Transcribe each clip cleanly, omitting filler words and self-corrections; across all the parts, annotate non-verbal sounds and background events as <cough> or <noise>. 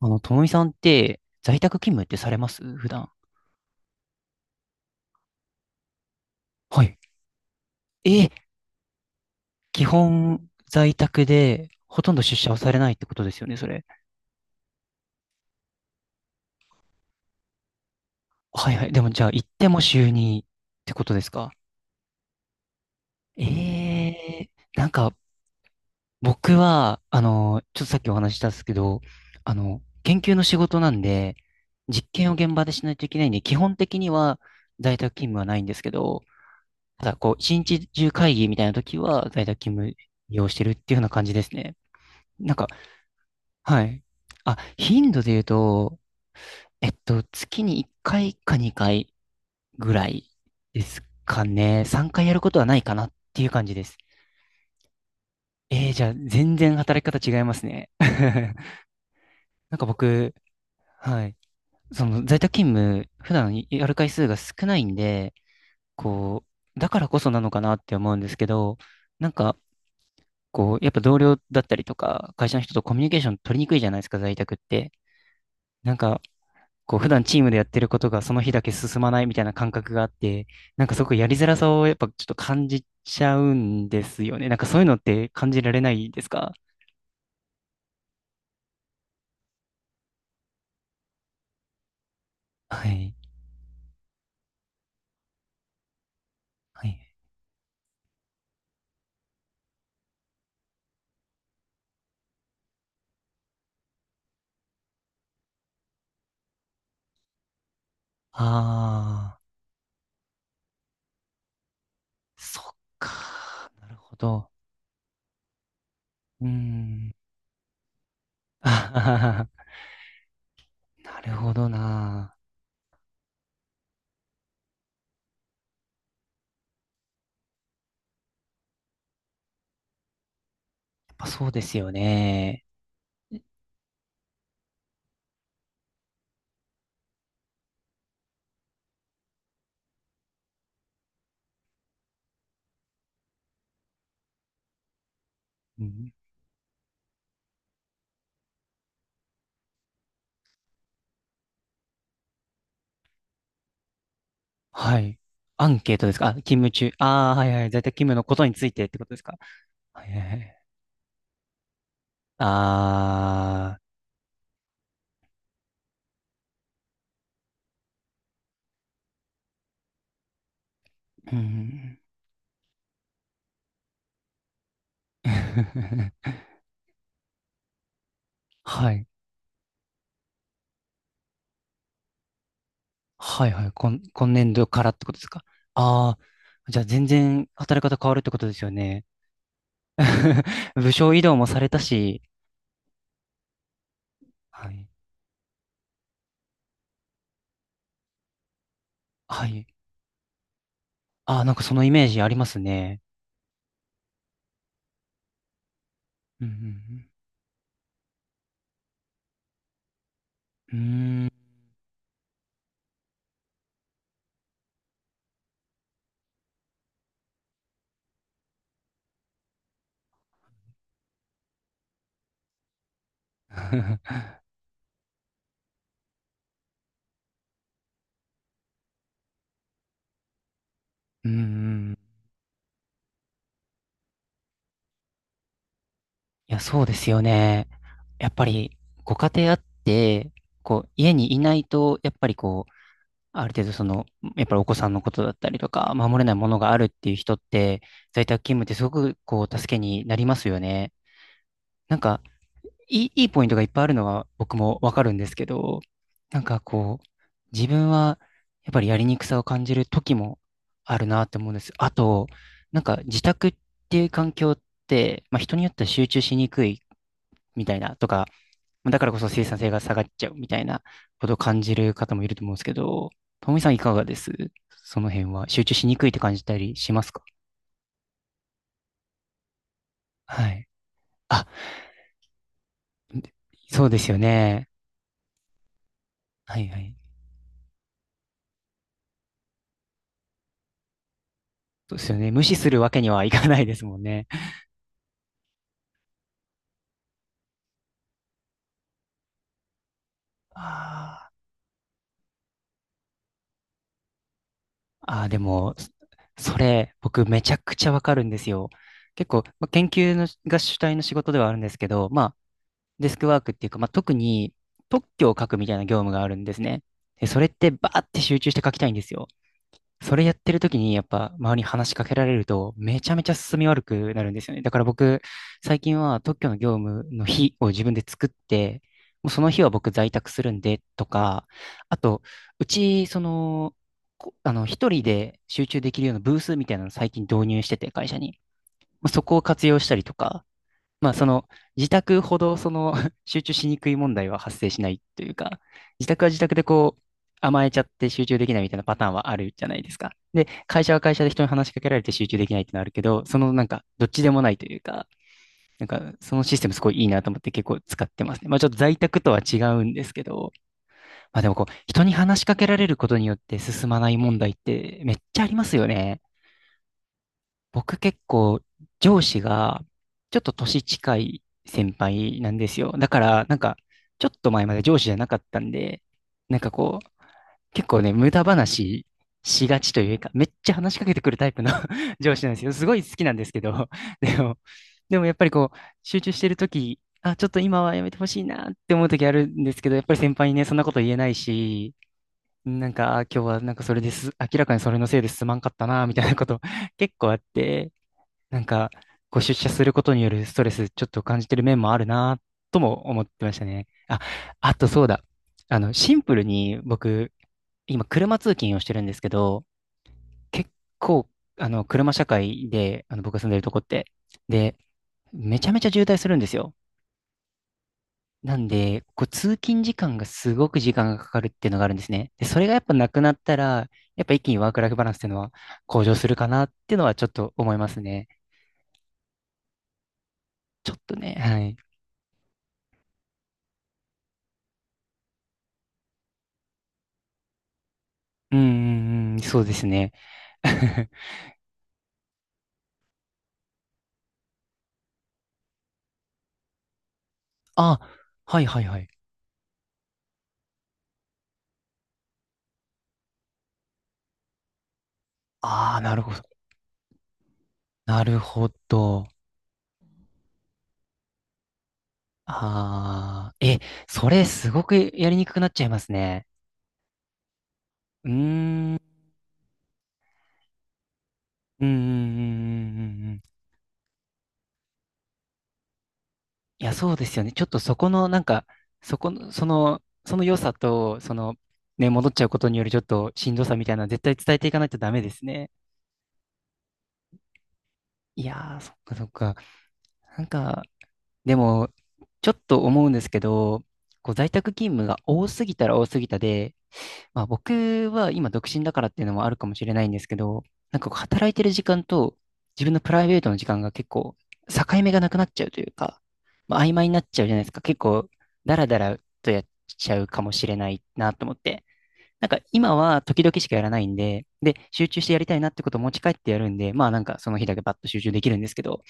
ともみさんって在宅勤務ってされます普段。はい。えー、基本在宅でほとんど出社はされないってことですよね、それ。はいはい。でもじゃあ行っても週にってことですか？ええー、なんか僕は、ちょっとさっきお話ししたんですけど、研究の仕事なんで、実験を現場でしないといけないんで、基本的には在宅勤務はないんですけど、ただこう、一日中会議みたいな時は在宅勤務利用してるっていうような感じですね。なんかはい。あ、頻度で言うと、月に1回か2回ぐらいですかね。3回やることはないかなっていう感じです。じゃあ、全然働き方違いますね。<laughs> なんか僕、はい。その在宅勤務、普段やる回数が少ないんで、こう、だからこそなのかなって思うんですけど、なんか、こう、やっぱ同僚だったりとか、会社の人とコミュニケーション取りにくいじゃないですか、在宅って。なんか、こう普段チームでやってることがその日だけ進まないみたいな感覚があって、なんかすごくやりづらさをやっぱちょっと感じちゃうんですよね。なんかそういうのって感じられないですか？はい。はい。ああ、そっか。なるほど。うーん。<laughs> あはははなるほどな。やっぱそうですよね。うん、はい。アンケートですかあ、勤務中。ああ、はいはい。在宅勤務のことについてってことですか？はいはいはい。ああ、うん。<laughs> はい。はいはい。今、今年度からってことですか？ああー、じゃあ全然働き方変わるってことですよね。<laughs> 部署移動もされたし。はい。はい。ああ、なんかそのイメージありますね。うんうんうん。うーん。<laughs> うんうん。いや、そうですよね。やっぱり、ご家庭あって、こう、家にいないと、やっぱりこある程度その、やっぱりお子さんのことだったりとか、守れないものがあるっていう人って、在宅勤務ってすごくこう、助けになりますよね。なんか、いい、いいポイントがいっぱいあるのは僕もわかるんですけど、なんかこう、自分はやっぱりやりにくさを感じる時もあるなって思うんです。あと、なんか自宅っていう環境って、まあ人によっては集中しにくいみたいなとか、だからこそ生産性が下がっちゃうみたいなことを感じる方もいると思うんですけど、ともみさんいかがですその辺は集中しにくいって感じたりしますか？はい。あ、そうですよね。はいはい。そうですよね。無視するわけにはいかないですもんね。あーあー、でも、それ、僕めちゃくちゃわかるんですよ。結構、まあ、研究のが主体の仕事ではあるんですけど、まあ、デスクワークっていうか、まあ、特に特許を書くみたいな業務があるんですね。で、それってバーって集中して書きたいんですよ。それやってる時にやっぱ周りに話しかけられるとめちゃめちゃ進み悪くなるんですよね。だから僕、最近は特許の業務の日を自分で作って、もうその日は僕在宅するんでとか、あと、うち、その、こあの、一人で集中できるようなブースみたいなの最近導入してて、会社に。まあそこを活用したりとか、まあ、その、自宅ほど、その <laughs>、集中しにくい問題は発生しないというか、自宅は自宅でこう、甘えちゃって集中できないみたいなパターンはあるじゃないですか。で、会社は会社で人に話しかけられて集中できないってのはあるけど、そのなんか、どっちでもないというか、なんか、そのシステムすごいいいなと思って結構使ってますね。まあ、ちょっと在宅とは違うんですけど、まあ、でもこう、人に話しかけられることによって進まない問題ってめっちゃありますよね。僕結構上司がちょっと年近い先輩なんですよ。だからなんかちょっと前まで上司じゃなかったんで、なんかこう結構ね無駄話しがちというかめっちゃ話しかけてくるタイプの <laughs> 上司なんですよ。すごい好きなんですけど、でも、でもやっぱりこう集中してるとき、あ、ちょっと今はやめてほしいなって思うときあるんですけど、やっぱり先輩にねそんなこと言えないし、なんかあ今日はなんかそれです、明らかにそれのせいですまんかったなみたいなこと結構あって、なんか、ご出社することによるストレス、ちょっと感じてる面もあるな、とも思ってましたね。あ、あとそうだ。シンプルに僕、今、車通勤をしてるんですけど、結構、車社会で、僕が住んでるとこって、で、めちゃめちゃ渋滞するんですよ。なんで、こう、通勤時間がすごく時間がかかるっていうのがあるんですね。で、それがやっぱなくなったら、やっぱ一気にワークライフバランスっていうのは向上するかなっていうのはちょっと思いますね。ちょっとね、はい。うんうんうん、そうですね。<laughs> あ、はいはいはい。ああ、なるほど。なるほど。ああ、え、それすごくやりにくくなっちゃいますね。うーん、うんうんうんうんうんうん。いや、そうですよね。ちょっとそこの、なんか、そこの、その、その良さと、その、ね、戻っちゃうことによるちょっとしんどさみたいな、絶対伝えていかないとダメですね。いやー、そっかそっか。なんか、でも、ちょっと思うんですけど、こう在宅勤務が多すぎたら多すぎたで、まあ、僕は今独身だからっていうのもあるかもしれないんですけど、なんかこう働いてる時間と自分のプライベートの時間が結構境目がなくなっちゃうというか、まあ、曖昧になっちゃうじゃないですか。結構ダラダラとやっちゃうかもしれないなと思って。なんか今は時々しかやらないんで、で、集中してやりたいなってことを持ち帰ってやるんで、まあなんかその日だけバッと集中できるんですけど、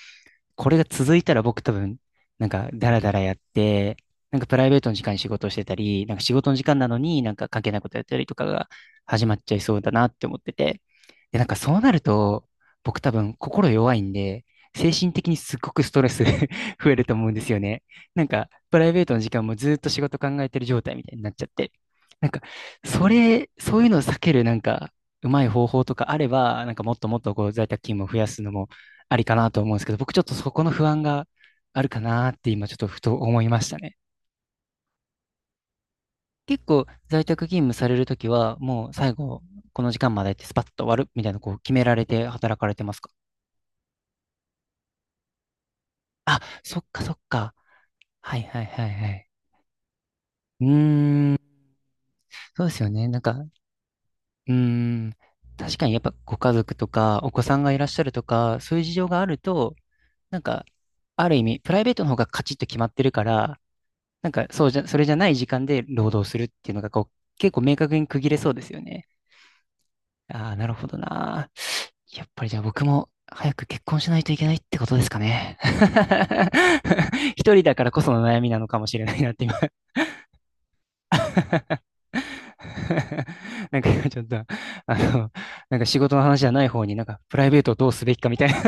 これが続いたら僕多分、なんかダラダラやって、なんかプライベートの時間に仕事をしてたり、なんか仕事の時間なのになんか関係ないことやったりとかが始まっちゃいそうだなって思ってて。で、なんかそうなると、僕多分心弱いんで、精神的にすっごくストレス <laughs> 増えると思うんですよね。なんかプライベートの時間もずっと仕事考えてる状態みたいになっちゃって。なんか、それ、そういうのを避けるなんか、うまい方法とかあれば、なんかもっともっとこう在宅勤務を増やすのもありかなと思うんですけど、僕ちょっとそこの不安があるかなって今ちょっとふと思いましたね。結構在宅勤務されるときは、もう最後、この時間までってスパッと終わるみたいな、こう決められて働かれてますか？あ、そっかそっか。はいはいはいはい。うーん、そうですよね。なんか、うーん、確かにやっぱご家族とかお子さんがいらっしゃるとか、そういう事情があると、なんか、ある意味、プライベートの方がカチッと決まってるから、なんか、そうじゃ、それじゃない時間で労働するっていうのが、こう、結構明確に区切れそうですよね。ああ、なるほどな。やっぱりじゃあ僕も早く結婚しないといけないってことですかね。<laughs> 一人だからこその悩みなのかもしれないなって今 <laughs> なんか今ちょっと、あの、なんか仕事の話じゃない方になんかプライベートをどうすべきかみたいな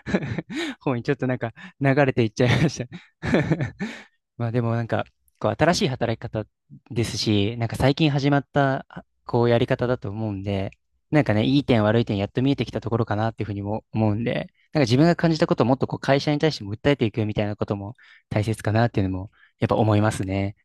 <laughs> 方にちょっとなんか流れていっちゃいました <laughs> まあでもなんか、こう新しい働き方ですし、なんか最近始まったあこうやり方だと思うんで、なんかね、いい点悪い点やっと見えてきたところかなっていうふうにも思うんで、なんか自分が感じたことをもっとこう会社に対しても訴えていくみたいなことも大切かなっていうのもやっぱ思いますね。